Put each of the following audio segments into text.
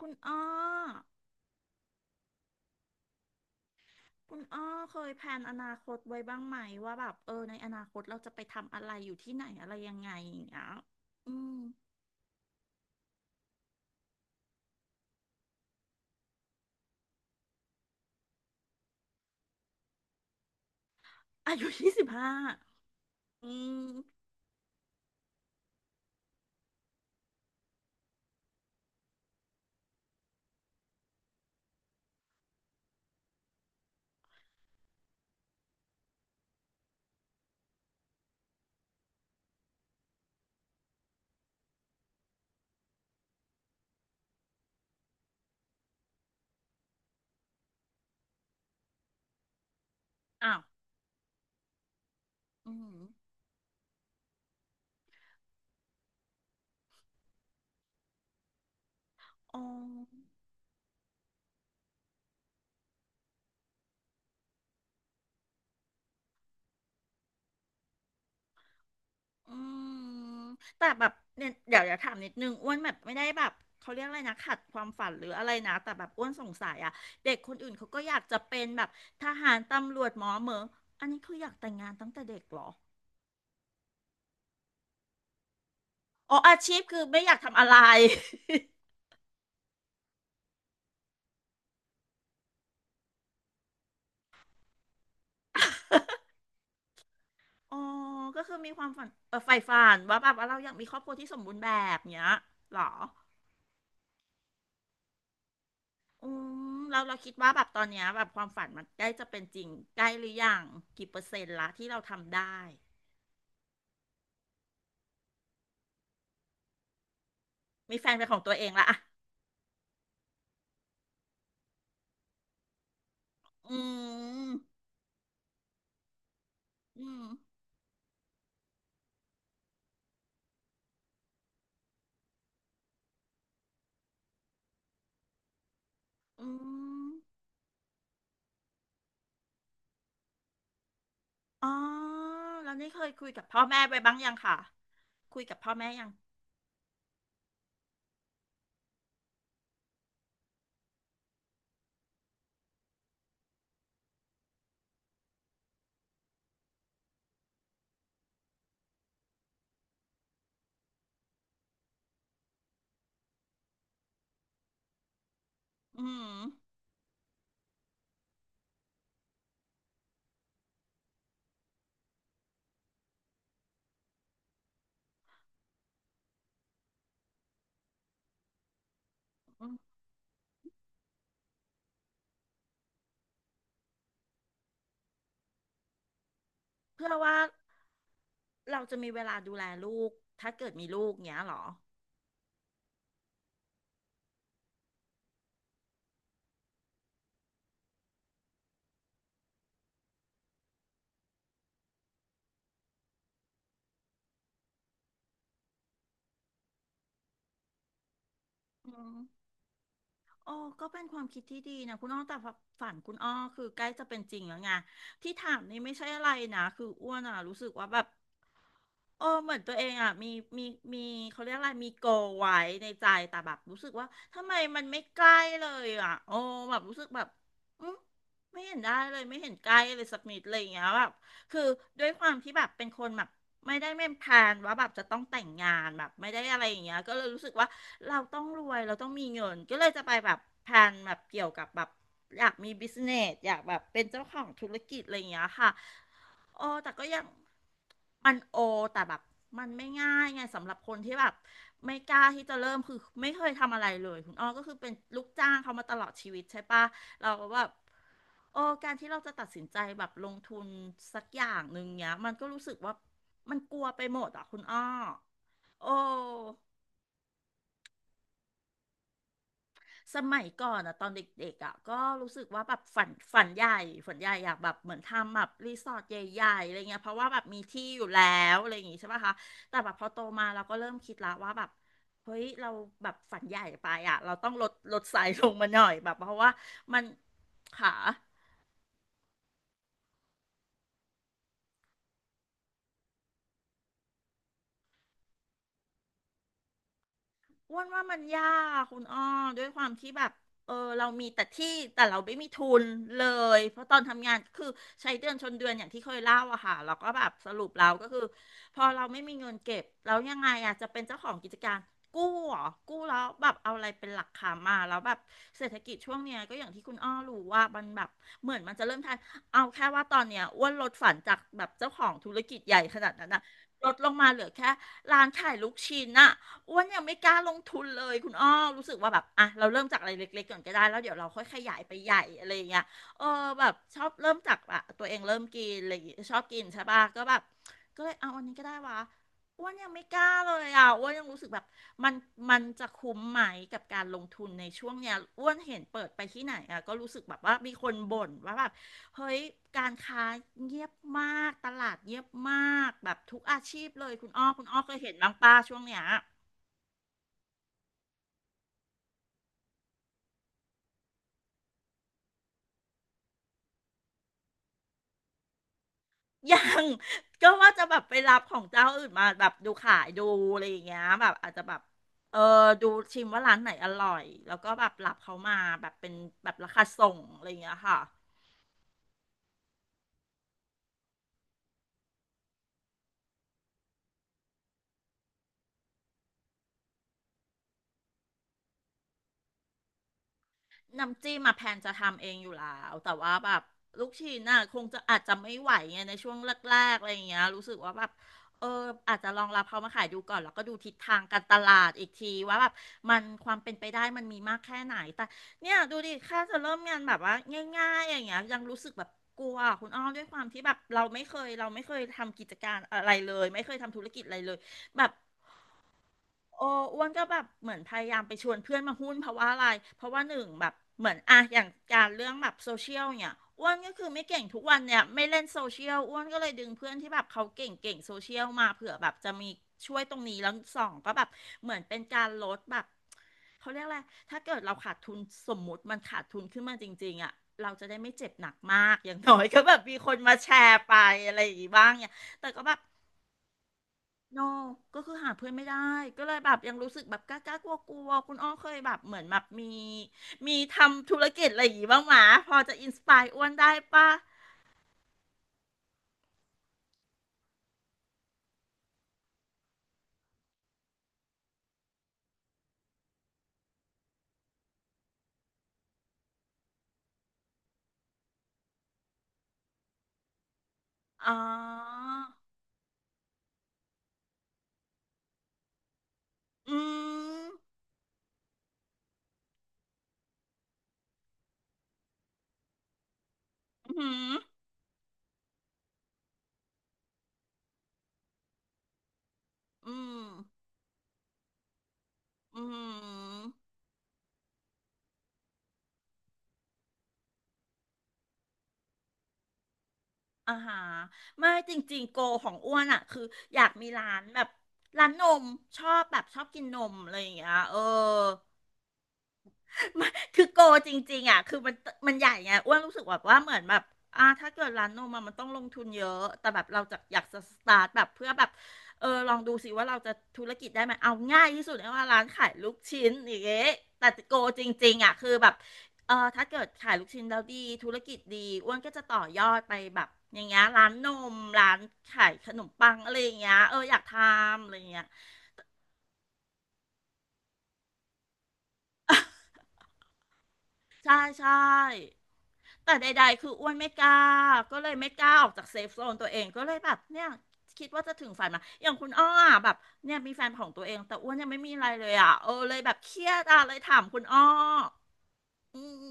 คุณอ้อคุณอ้อเคยแพลนอนาคตไว้บ้างไหมว่าแบบในอนาคตเราจะไปทำอะไรอยู่ที่ไหนอะไรยังไงอย่างเงี้ยอืมอายุ25อืมอ้าวอืมอ๋ออืมแต่แบบเนี่ยเดี๋ยวอย่าถามนิดนึงอ้วนแบบไม่ได้แบบเขาเรียกอะไรนะขัดความฝันหรืออะไรนะแต่แบบอ้วนสงสัยอะเด็กคนอื่นเขาก็อยากจะเป็นแบบทหารตำรวจหมอเหมออันนี้คืออยากแต่งงานตั้งแต่เด็กเหรอ อ๋ออาชีพคือไม่อยากทำอะไร อ๋อก็คือมีความฝันใฝ่ฝันว่าแบบว่าเราอยากมีครอบครัวที่สมบูรณ์แบบเนี้ยเหรออืมเราคิดว่าแบบตอนเนี้ยแบบความฝันมันใกล้จะเป็นจริงใกล้หรือยังกี่เปอร์เซ็นต์ละที่เราทำได้มีแฟนเป็นของตัวเองละอะอืมอืมอืมอ๋อแล้วนี่เคยคุยกับพ่อแม่ไปบ้างยังค่ะคุยกับพ่อแม่ยังอืม เพื่อว่าเราจะมีเวลาดูแลลูกถ้าเกิดมีลูกเงี้ยเหรออืมโอ้ก็เป็นความคิดที่ดีนะคุณอ้อแต่ฝันคุณอ้อคือใกล้จะเป็นจริงแล้วไงที่ถามนี่ไม่ใช่อะไรนะคืออ้วนอ่ะรู้สึกว่าแบบเหมือนตัวเองอ่ะมีมีเขาเรียกอะไรมีโกไว้ในใจแต่แบบรู้สึกว่าทำไมมันไม่ใกล้เลยอ่ะโอ้แบบรู้สึกแบบอืมไม่เห็นได้เลยไม่เห็นใกล้เลยสักนิดเลยอย่างเงี้ยแบบคือด้วยความที่แบบเป็นคนแบบ ไม่ได้ไม่แพลนว่าแบบจะต้องแต่งงานแบบไม่ได้อะไรอย่างเงี้ยก็เลยรู้สึกว่าเราต้องรวยเราต้องมีเงินก็เลยจะไปแบบแพลนแบบเกี่ยวกับแบบอยากมีบิสเนสอยากแบบเป็นเจ้าของธุรกิจอะไรอย่างเงี้ยค่ะโอ้แต่ก็ยังมันโอแต่แบบมันไม่ง่ายไงสำหรับคนที่แบบไม่กล้าที่จะเริ่มคือไม่เคยทำอะไรเลยคุณอ้อก็คือเป็นลูกจ้างเขามาตลอดชีวิตใช่ปะเราก็แบบ การที่เราจะตัดสินใจแบบลงทุนสักอย่างหนึ่งเนี้ยมันก็รู้สึกว่ามันกลัวไปหมดอ่ะคุณอ้อโอ้สมัยก่อนอะตอนเด็กๆอะก็รู้สึกว่าแบบฝันใหญ่อยากแบบเหมือนทำแบบรีสอร์ทใหญ่ๆอะไรเงี้ยเพราะว่าแบบมีที่อยู่แล้วอะไรอย่างงี้ใช่ป่ะคะแต่แบบพอโตมาเราก็เริ่มคิดละว่าแบบเฮ้ยเราแบบฝันใหญ่ไปอะเราต้องลดไซส์ลงมาหน่อยแบบเพราะว่ามันค่ะ อ้วนว่ามันยากคุณอ้อด้วยความที่แบบเรามีแต่ที่แต่เราไม่มีทุนเลยเพราะตอนทำงานก็คือใช้เดือนชนเดือนอย่างที่เคยเล่าอะค่ะแล้วก็แบบสรุปแล้วก็คือพอเราไม่มีเงินเก็บแล้วยังไงอะจะเป็นเจ้าของกิจการกู้เหรอกู้แล้วแบบเอาอะไรเป็นหลักค้ำมาแล้วแบบเศรษฐกิจช่วงเนี้ยก็อย่างที่คุณอ้อรู้ว่ามันแบบเหมือนมันจะเริ่มทันเอาแค่ว่าตอนเนี้ยอ้วนลดฝันจากแบบเจ้าของธุรกิจใหญ่ขนาดนั้นนะลดลงมาเหลือแค่ร้านขายลูกชิ้นอะ อ้วนยังไม่กล้าลงทุนเลยคุณอ้อรู้สึกว่าแบบอ่ะเราเริ่มจากอะไรเล็กๆก่อนก็ได้แล้วเดี๋ยวเราค่อยขยายไปใหญ่อะไรอย่างเงี้ยเออแบบชอบเริ่มจากอะตัวเองเริ่มกินอะไรอย่างเงี้ยชอบกินใช่ป่ะก็แบบก็เลยเอาอันนี้ก็ได้วะอ้วนยังไม่กล้าเลยอ่ะอ้วนยังรู้สึกแบบมันมันจะคุ้มไหมกับการลงทุนในช่วงเนี้ยอ้วนเห็นเปิดไปที่ไหนอ่ะก็รู้สึกแบบว่ามีคนบ่นว่าแบบเฮ้ยการค้าเงียบมากตลาดเงียบมากแบบทุกอาชีพเลยคุณอ้อคุณอ้อเคยเห็นบ้างป้าช่วงเนี้ย ยัง ก็ว่าจะแบบไปรับของเจ้าอื่นมาแบบดูขายดูอะไรอย่างเงี้ยแบบอาจจะแบบเออดูชิมว่าร้านไหนอร่อยแล้วก็แบบรับเขามาแบบเป็นแบบราคาส่งอะไรอย่างเงี้ยค่ะ น้ำจิ้มมาแพนจะทำเองอยู่แล้วแต่ว่าแบบลูกชิ้นน่ะคงจะอาจจะไม่ไหวไงในช่วงแรกๆอะไรอย่างเงี้ยรู้สึกว่าแบบเอออาจจะลองรับเขามาขายดูก่อนแล้วก็ดูทิศทางการตลาดอีกทีว่าแบบมันความเป็นไปได้มันมีมากแค่ไหนแต่เนี่ยดูดิแค่จะเริ่มงานแบบว่าง่ายๆอย่างเงี้ยยังรู้สึกแบบกลัวคุณอ้อด้วยความที่แบบเราไม่เคยทำกิจการอะไรเลยไม่เคยทำธุรกิจอะไรเลยแบบ โอ้อ้วนก็แบบเหมือนพยายามไปชวนเพื่อนมาหุ้นเพราะว่าอะไรเพราะว่าหนึ่งแบบเหมือนอะอย่างการเรื่องแบบโซเชียลเนี่ยอ้วนก็คือไม่เก่งทุกวันเนี่ยไม่เล่นโซเชียลอ้วนก็เลยดึงเพื่อนที่แบบเขาเก่งเก่งโซเชียลมาเผื่อแบบจะมีช่วยตรงนี้แล้วสองก็แบบเหมือนเป็นการลดแบบเขาเรียกอะไรถ้าเกิดเราขาดทุนสมมุติมันขาดทุนขึ้นมาจริงๆอะเราจะได้ไม่เจ็บหนักมากอย่างน้อยก็แบบมีคนมาแชร์ไปอะไรอย่างงี้บ้างเนี่ยแต่ก็แบบ โนก็คือหาเพื่อนไม่ได้ก็เลยแบบยังรู้สึกแบบกล้าๆกลัวๆคุณอ้อเคยแบบเหมือนแบบมีทำธุรกิจอะไรอย่างงี้บ้างหมาพอจะอินสปายอ้วนได้ปะอ๋ออืม อืม อืม อืม อ่าฮะไม่จริงๆโกของอ้วนอ่ะคืออยากมีร้านแบบร้านนมชอบแบบชอบกินนมอะไรอย่างเงี้ยเออ มันคือโกจริงๆอ่ะคือมันมันใหญ่ไงอ้วนรู้สึกแบบว่าเหมือนแบบอ่าถ้าเกิดร้านนมอะมันต้องลงทุนเยอะแต่แบบเราจะอยากจะสตาร์ทแบบเพื่อแบบลองดูสิว่าเราจะธุรกิจได้ไหมเอาง่ายที่สุดเลยว่าร้านขายลูกชิ้นอย่างเงี้ยแต่โกจริงๆอ่ะคือแบบถ้าเกิดขายลูกชิ้นแล้วดีธุรกิจดีอ้วนก็จะต่อยอดไปแบบอย่างเงี้ยร้านนมร้านขายขนมปังอะไรอย่างเงี้ยอยากทำอะไรอย่างเงี้ย ใช่ใช่แต่ใดๆคืออ้วนไม่กล้าก็เลยไม่กล้าออกจากเซฟโซนตัวเองก็เลยแบบเนี่ยคิดว่าจะถึงฝันมาอย่างคุณอ้ออะแบบเนี่ยมีแฟนของตัวเองแต่อ้วนยังไม่มีอะไรเลยอ่ะเลยแบบเครียดอะเลยถามคุณอ้ออืม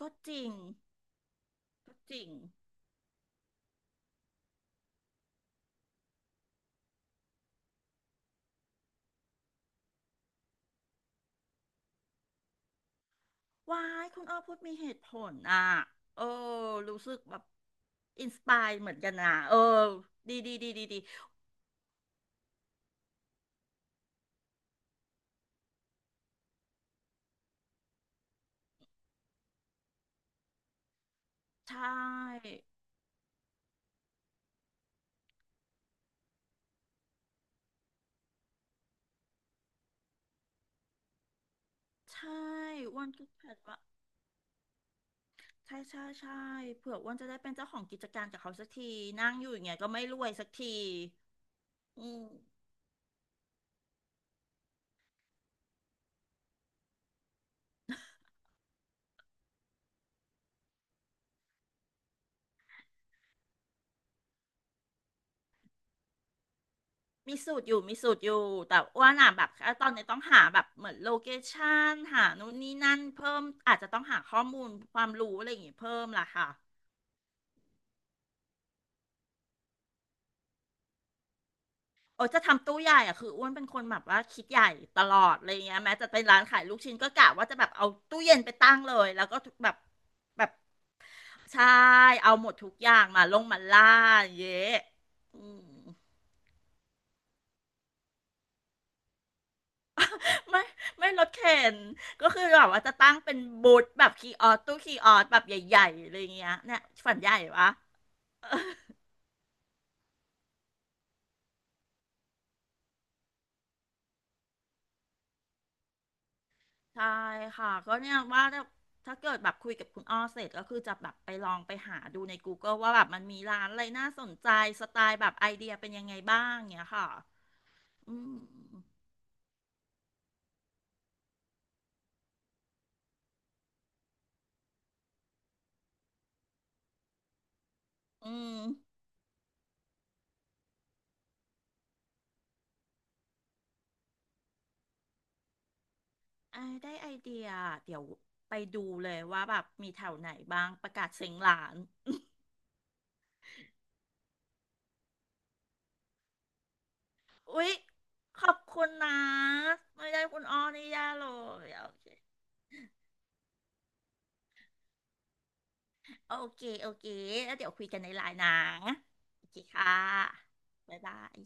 ก็จริงก็จริงว้ายคุณอ้อพูดมีเหตุผลอ่ะเออรู้สึกแบบอินสปายเหมือนกันนะดีดีดีดีดีใช่ใช่อ้วันก็แผนว่า ใช่ใช่ใช่เผื่ออ้วนจะได้เป็นเจ้าของกิจการกับเขาสักทีนั่งอยู่อย่างเงี้ยก็ไม่รวยสักทีอืมมีสูตรอยู่มีสูตรอยู่แต่อ้วนอ่ะแบบตอนนี้ต้องหาแบบเหมือนโลเคชั่นหานู่นนี่นั่นเพิ่มอาจจะต้องหาข้อมูลความรู้อะไรอย่างเงี้ยเพิ่มล่ะค่ะโอ้จะทำตู้ใหญ่อ่ะคืออ้วนเป็นคนแบบว่าคิดใหญ่ตลอดอะไรเงี้ยแม้จะเป็นร้านขายลูกชิ้นก็กะว่าจะแบบเอาตู้เย็นไปตั้งเลยแล้วก็แบบแบบใช่เอาหมดทุกอย่างมาลงมาล่าอย่างเงี้ยอืม ไม่ ไม่รถเข็นก็คือแบบว่าจะตั้งเป็นบูธแบบคีย์ออสตู้คีย์ออสแบบใหญ่ๆอะไรอย่างเงี้ยเนี่ยฝันใหญ่วะใช่ค่ะก็เนี่ยว่าถ้าเกิดแบบคุยกับคุณอ้อเสร็จก็คือจะแบบไปลองไปหาดูใน Google ว่าแบบมันมีร้านอะไรน่าสนใจสไตล์แบบไอเดียเป็นยังไงบ้างเงี้ยค่ะ อืมอืมไอยได้ไอเดียเดี๋ยวไปดูเลยว่าแบบมีแถวไหนบ้างประกาศเซ็งร้าน อุ๊ยขอบคุณนะไม่ได้คุณอ้อนี่ยาเลยโอเคโอเคโอเคแล้วเดี๋ยวคุยกันในไลน์นะโอเคค่ะบ๊ายบาย